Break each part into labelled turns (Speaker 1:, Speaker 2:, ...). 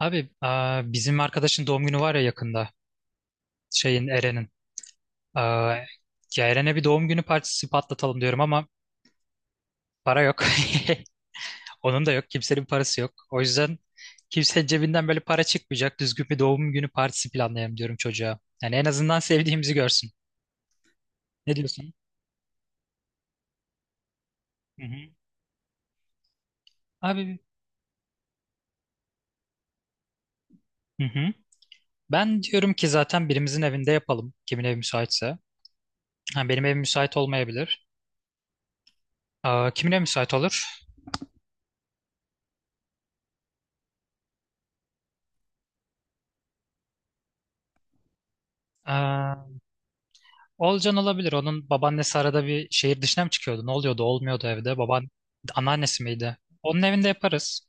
Speaker 1: Abi bizim arkadaşın doğum günü var ya yakında. Şeyin Eren'in. Aa, ya Eren'e bir doğum günü partisi patlatalım diyorum ama para yok. Onun da yok. Kimsenin parası yok. O yüzden kimsenin cebinden böyle para çıkmayacak. Düzgün bir doğum günü partisi planlayalım diyorum çocuğa. Yani en azından sevdiğimizi görsün. Ne diyorsun? Hı hı. Abi hı hı. Ben diyorum ki zaten birimizin evinde yapalım. Kimin evi müsaitse. Ha, benim evim müsait olmayabilir. Kimin evi müsait olur? Olcan olabilir. Onun babaannesi arada bir şehir dışına mı çıkıyordu? Ne oluyordu? Olmuyordu evde. Baban anneannesi miydi? Onun evinde yaparız.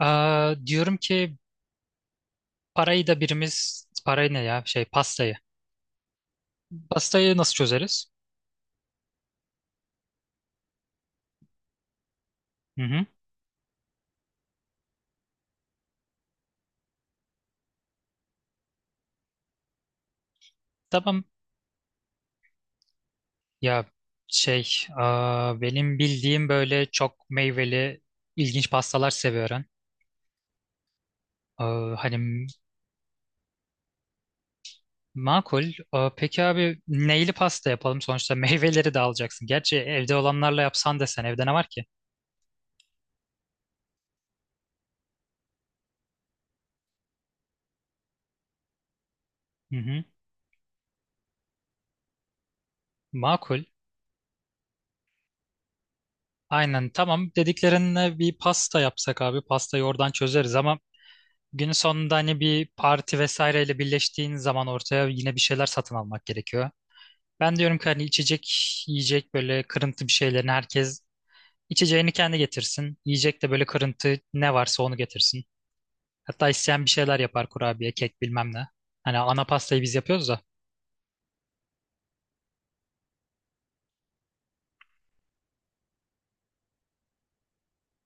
Speaker 1: Diyorum ki parayı da birimiz parayı ne ya? Şey pastayı. Pastayı nasıl çözeriz? Hı hı. Tamam. Ya şey benim bildiğim böyle çok meyveli ilginç pastalar seviyorum. Hani makul. Peki abi neyli pasta yapalım? Sonuçta meyveleri de alacaksın. Gerçi evde olanlarla yapsan desen evde ne var ki? Hı hı. Makul. Aynen tamam. Dediklerine bir pasta yapsak abi. Pastayı oradan çözeriz ama günün sonunda hani bir parti vesaireyle birleştiğin zaman ortaya yine bir şeyler satın almak gerekiyor. Ben diyorum ki hani içecek, yiyecek böyle kırıntı bir şeylerini herkes içeceğini kendi getirsin. Yiyecek de böyle kırıntı ne varsa onu getirsin. Hatta isteyen bir şeyler yapar kurabiye, kek bilmem ne. Hani ana pastayı biz yapıyoruz da.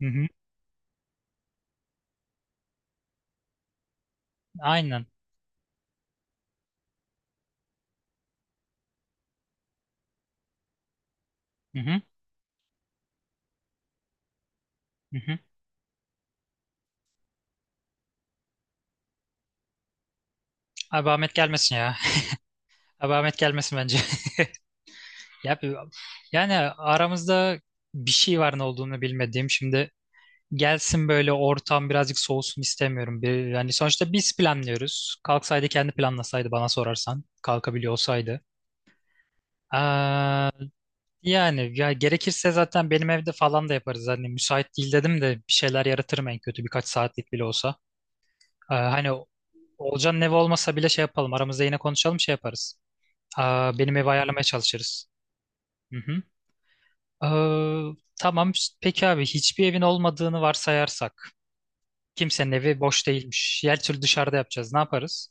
Speaker 1: Hı hı. Aynen. Hı hı. Hı hı. Abi Ahmet gelmesin ya. Abi Ahmet gelmesin bence. Ya, yani aramızda bir şey var ne olduğunu bilmediğim. Şimdi gelsin böyle ortam birazcık soğusun istemiyorum. Bir, yani sonuçta biz planlıyoruz. Kalksaydı kendi planlasaydı bana sorarsan. Kalkabiliyor olsaydı. Aa, yani ya gerekirse zaten benim evde falan da yaparız. Hani müsait değil dedim de bir şeyler yaratırım en kötü birkaç saatlik bile olsa. Hani Olcan'ın evi olmasa bile şey yapalım. Aramızda yine konuşalım şey yaparız. Benim evi ayarlamaya çalışırız. Hı hı. Ee, tamam. işte peki abi hiçbir evin olmadığını varsayarsak. Kimsenin evi boş değilmiş. Her türlü dışarıda yapacağız. Ne yaparız?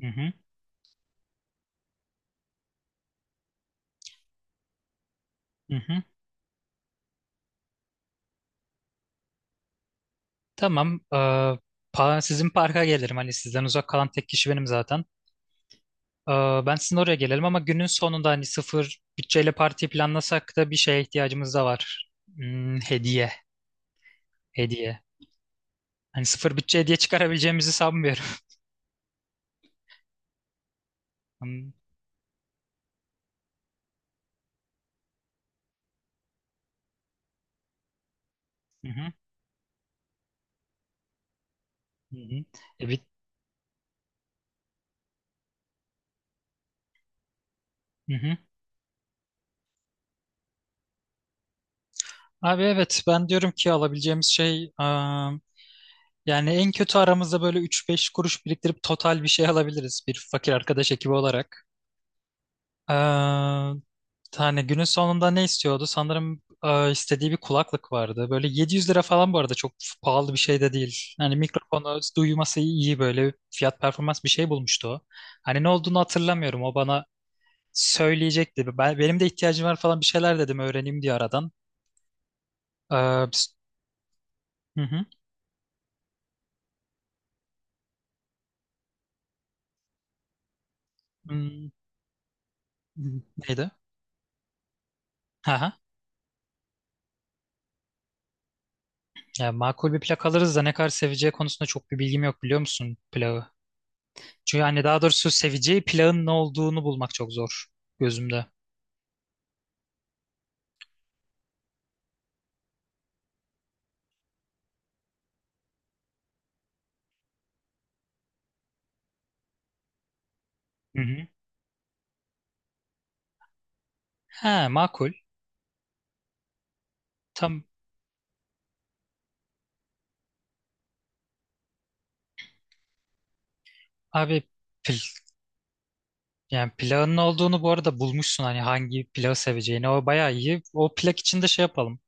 Speaker 1: Hı hı. Hı hı. Tamam. Sizin parka gelirim. Hani sizden uzak kalan tek kişi benim zaten. Ee, ben sizin oraya gelelim ama günün sonunda hani sıfır bütçeyle parti planlasak da bir şeye ihtiyacımız da var. Hediye. Hediye. Hani sıfır bütçe hediye çıkarabileceğimizi sanmıyorum. Hmm, hı hı. Hı hı. E, bir- hı hı. Abi evet ben diyorum ki alabileceğimiz şey yani en kötü aramızda böyle 3-5 kuruş biriktirip total bir şey alabiliriz bir fakir arkadaş ekibi olarak. Ee, hani günün sonunda ne istiyordu? Sanırım istediği bir kulaklık vardı. Böyle 700 lira falan bu arada çok pahalı bir şey de değil. Hani mikrofonu duyması iyi böyle fiyat performans bir şey bulmuştu o. Hani ne olduğunu hatırlamıyorum. O bana söyleyecekti. Ben, benim de ihtiyacım var falan bir şeyler dedim öğreneyim diye aradan. Ee, biz- hı hı. Hmm, neydi? Ya makul bir plak alırız da ne kadar seveceği konusunda çok bir bilgim yok biliyor musun plağı? Çünkü hani daha doğrusu seveceği plağın ne olduğunu bulmak çok zor gözümde. Hı hı. He makul. Tam abi pil, yani plağın ne olduğunu bu arada bulmuşsun hani hangi plağı seveceğini. O bayağı iyi. O plak için de şey yapalım.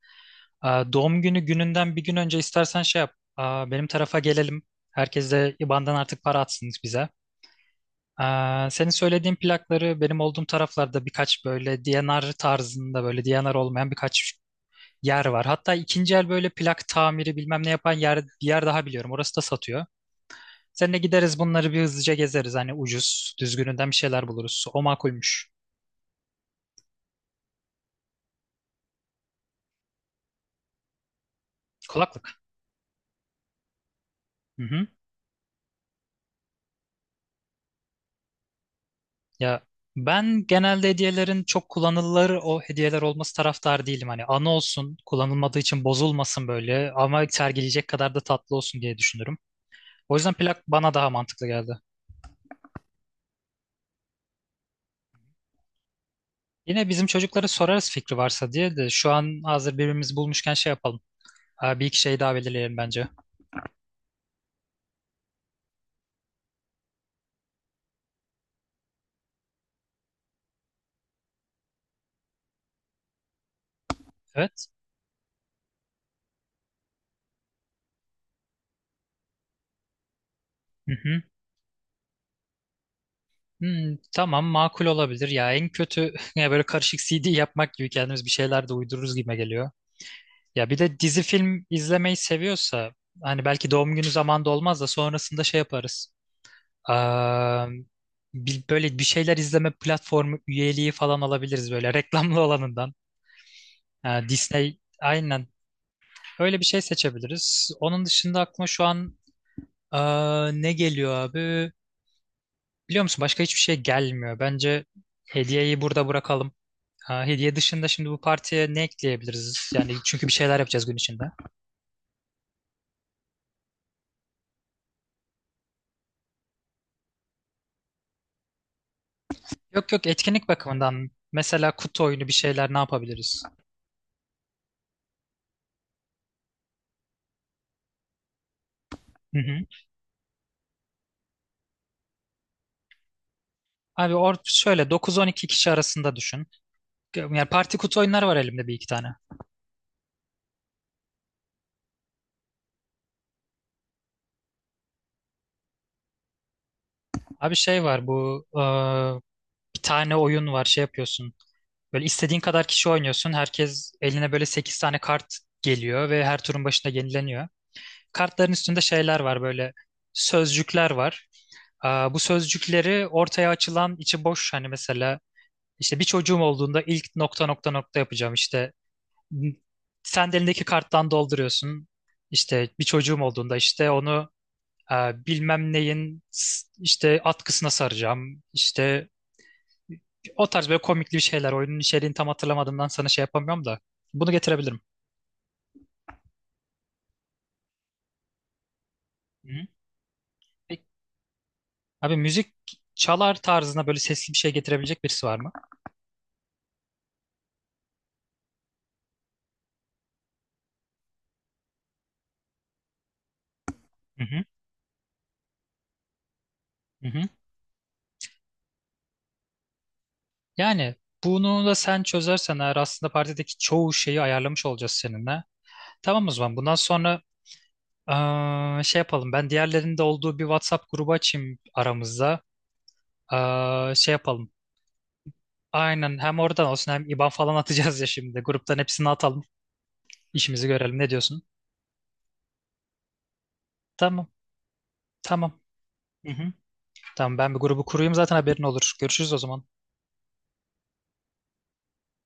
Speaker 1: Doğum günü gününden bir gün önce istersen şey yap. Benim tarafa gelelim. Herkes de IBAN'dan artık para atsın bize. Senin söylediğin plakları benim olduğum taraflarda birkaç böyle D&R tarzında böyle D&R olmayan birkaç yer var. Hatta ikinci el böyle plak tamiri bilmem ne yapan yer, bir yer daha biliyorum. Orası da satıyor. Seninle gideriz bunları bir hızlıca gezeriz. Hani ucuz, düzgününden bir şeyler buluruz. O makulmüş. Kulaklık. Hı hı. Ya ben genelde hediyelerin çok kullanılır o hediyeler olması taraftar değilim. Hani anı olsun, kullanılmadığı için bozulmasın böyle ama sergileyecek kadar da tatlı olsun diye düşünürüm. O yüzden plak bana daha mantıklı geldi. Yine bizim çocuklara sorarız fikri varsa diye de şu an hazır birbirimizi bulmuşken şey yapalım. Bir iki şey daha belirleyelim bence. Evet. Hı hı. Tamam makul olabilir. Ya en kötü ya böyle karışık CD yapmak gibi kendimiz bir şeyler de uydururuz gibime geliyor. Ya bir de dizi film izlemeyi seviyorsa hani belki doğum günü zamanında olmaz da sonrasında şey yaparız. Aa, böyle bir şeyler izleme platformu üyeliği falan alabiliriz böyle reklamlı olanından. Ha, Disney aynen öyle bir şey seçebiliriz. Onun dışında aklıma şu an ne geliyor abi? Biliyor musun başka hiçbir şey gelmiyor. Bence hediyeyi burada bırakalım. Ha, hediye dışında şimdi bu partiye ne ekleyebiliriz? Yani çünkü bir şeyler yapacağız gün içinde. Yok yok etkinlik bakımından mesela kutu oyunu bir şeyler ne yapabiliriz? Hı hı. Abi şöyle 9-12 kişi arasında düşün. Yani parti kutu oyunları var elimde bir iki tane. Abi şey var bu bir tane oyun var şey yapıyorsun. Böyle istediğin kadar kişi oynuyorsun. Herkes eline böyle 8 tane kart geliyor ve her turun başında yenileniyor. Kartların üstünde şeyler var böyle sözcükler var. Bu sözcükleri ortaya açılan içi boş hani mesela işte bir çocuğum olduğunda ilk nokta nokta nokta yapacağım işte sen de elindeki karttan dolduruyorsun. İşte bir çocuğum olduğunda işte onu e, bilmem neyin işte atkısına saracağım. İşte o tarz böyle komikli bir şeyler. Oyunun içeriğini tam hatırlamadığımdan sana şey yapamıyorum da. Bunu getirebilirim. Hı hı. Peki. Abi müzik çalar tarzına böyle sesli bir şey getirebilecek birisi var mı? Hı hı. Hı hı. Yani bunu da sen çözersen eğer aslında partideki çoğu şeyi ayarlamış olacağız seninle. Tamam o zaman bundan sonra şey yapalım. Ben diğerlerinin de olduğu bir WhatsApp grubu açayım aramızda. Şey yapalım. Aynen hem oradan olsun hem IBAN falan atacağız ya şimdi. Gruptan hepsini atalım. İşimizi görelim. Ne diyorsun? Tamam. Tamam. Hı hı. Tamam ben bir grubu kurayım zaten haberin olur. Görüşürüz o zaman.